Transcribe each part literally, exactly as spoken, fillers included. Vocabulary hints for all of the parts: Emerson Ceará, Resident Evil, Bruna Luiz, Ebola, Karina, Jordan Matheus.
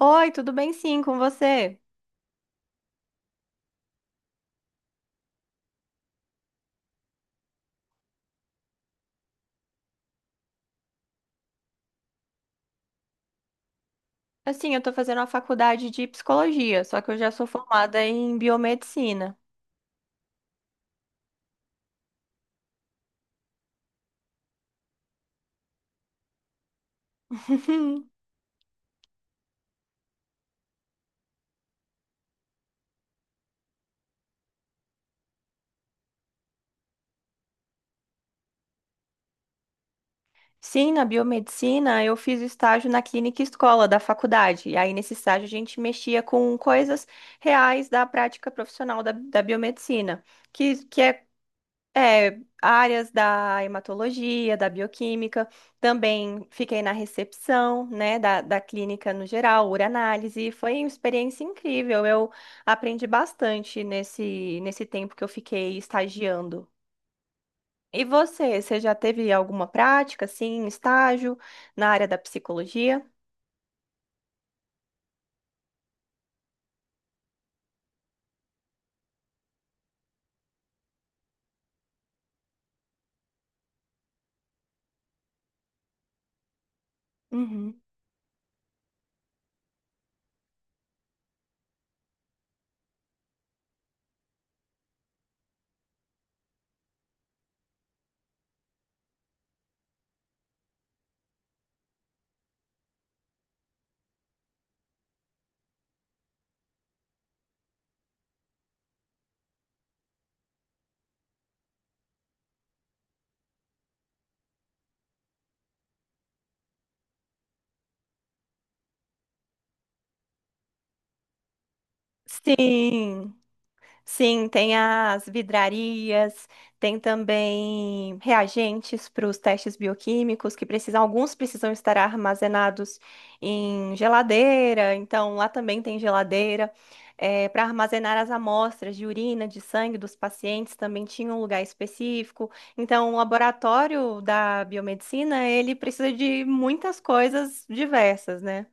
Oi, tudo bem sim com você? Assim, eu tô fazendo a faculdade de psicologia, só que eu já sou formada em biomedicina. Sim, na biomedicina eu fiz estágio na clínica escola da faculdade. E aí, nesse estágio, a gente mexia com coisas reais da prática profissional da, da biomedicina, que, que é É, áreas da hematologia, da bioquímica, também fiquei na recepção, né, da, da clínica no geral, uranálise, foi uma experiência incrível, eu aprendi bastante nesse, nesse tempo que eu fiquei estagiando. E você, você já teve alguma prática, assim, estágio na área da psicologia? Uhum. Sim. Sim, tem as vidrarias, tem também reagentes para os testes bioquímicos que precisam, alguns precisam estar armazenados em geladeira, então lá também tem geladeira. É, para armazenar as amostras de urina, de sangue dos pacientes, também tinha um lugar específico. Então, o laboratório da biomedicina, ele precisa de muitas coisas diversas, né?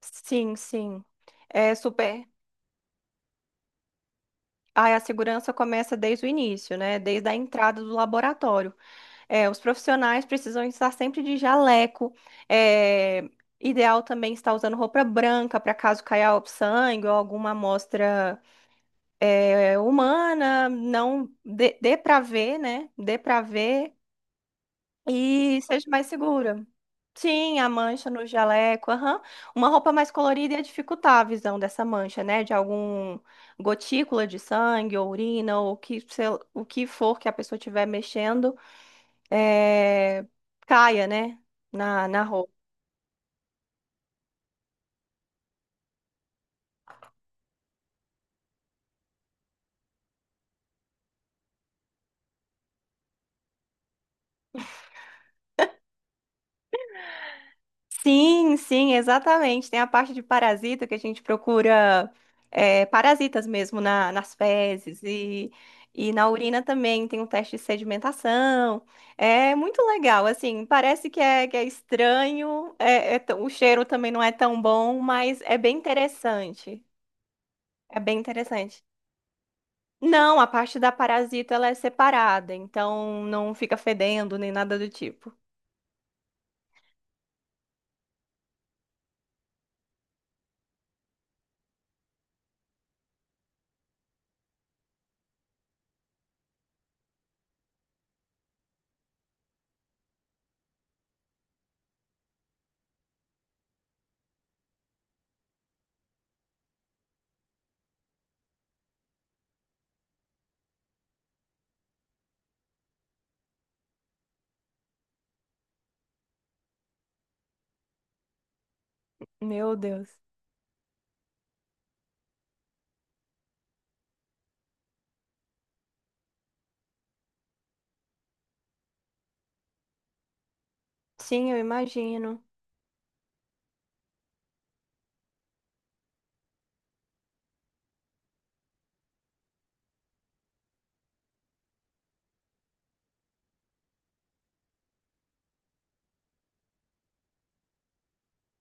Sim, sim. É super. Aí a segurança começa desde o início, né? Desde a entrada do laboratório. É, os profissionais precisam estar sempre de jaleco. é, Ideal também estar usando roupa branca para caso caia sangue ou alguma amostra é, humana. Não dê, dê para ver, né? Dê para ver e seja mais segura. Sim, a mancha no jaleco, aham. Uma roupa mais colorida ia dificultar a visão dessa mancha, né? De algum gotícula de sangue, ou urina, ou o que, sei lá, o que for que a pessoa estiver mexendo, é, caia, né? Na, na roupa. Sim, sim, exatamente. Tem a parte de parasita que a gente procura é, parasitas mesmo na, nas fezes e, e na urina também tem um teste de sedimentação. É muito legal, assim, parece que é, que é estranho, é- é t- o cheiro também não é tão bom, mas é bem interessante. É bem interessante. Não, a parte da parasita ela é separada, então não fica fedendo nem nada do tipo. Meu Deus. Sim, eu imagino.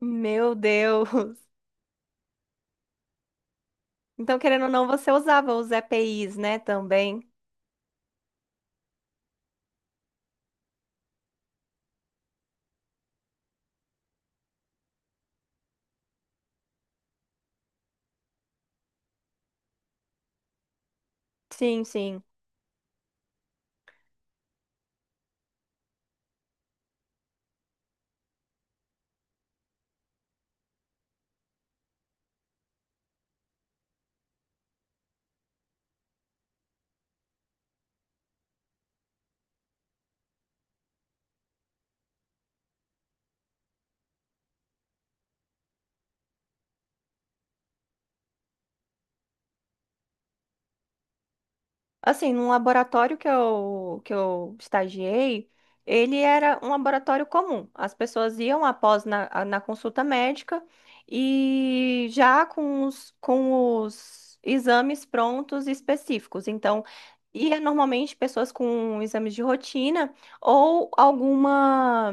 Meu Deus. Então, querendo ou não, você usava os E P Is, né, também? Sim, sim. Assim, num laboratório que eu, que eu estagiei, ele era um laboratório comum. As pessoas iam após na, a, na consulta médica e já com os, com os exames prontos e específicos. Então, ia normalmente pessoas com exames de rotina ou alguma.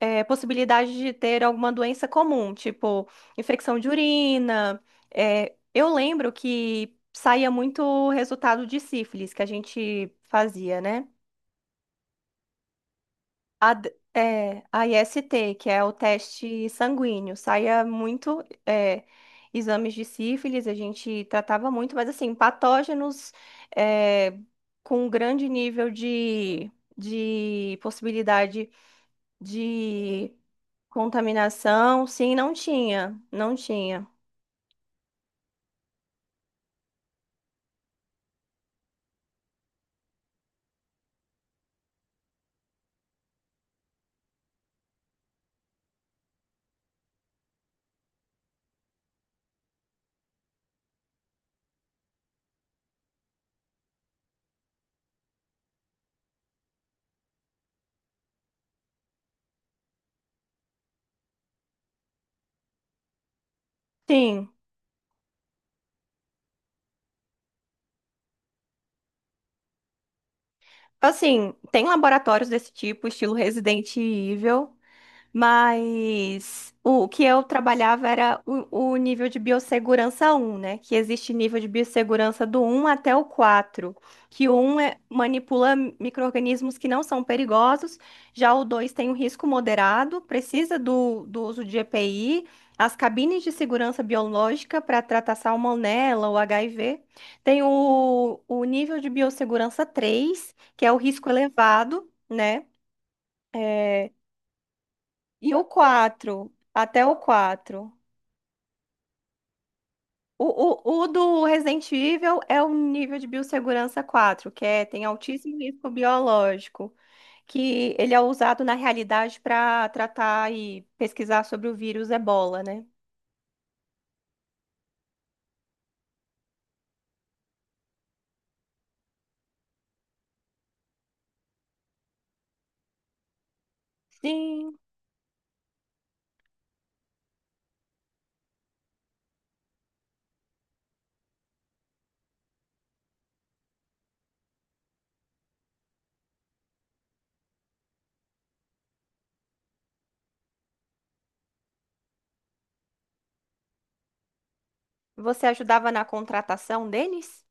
É, possibilidade de ter alguma doença comum, tipo infecção de urina. É, eu lembro que saía muito resultado de sífilis que a gente fazia, né? A, d- é, a I S T, que é o teste sanguíneo, saía muito é, exames de sífilis, a gente tratava muito, mas assim, patógenos é, com grande nível de, de possibilidade de contaminação. Sim, não tinha, não tinha. Sim. Assim, tem laboratórios desse tipo, estilo Resident Evil, mas o que eu trabalhava era o, o nível de biossegurança um, né? Que existe nível de biossegurança do um até o quatro. Que o um é manipula micro-organismos que não são perigosos, já o dois tem um risco moderado, precisa do, do uso de E P I, as cabines de segurança biológica para tratar salmonela ou H I V. Tem o, o nível de biossegurança três, que é o risco elevado, né? É, e o quatro, até o quatro. O, o, o do Resident Evil é o nível de biossegurança quatro, que é, tem altíssimo risco biológico, que ele é usado na realidade para tratar e pesquisar sobre o vírus Ebola, né? Sim. Você ajudava na contratação deles?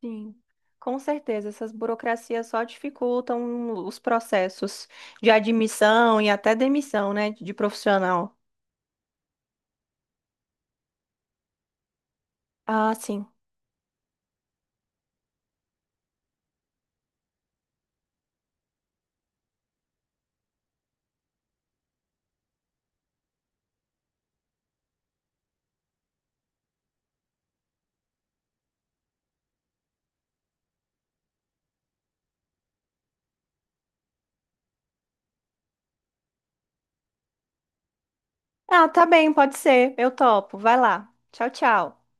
Sim. Com certeza, essas burocracias só dificultam os processos de admissão e até demissão, né, de profissional. Ah, sim. Ah, tá bem, pode ser. Eu topo. Vai lá. Tchau, tchau.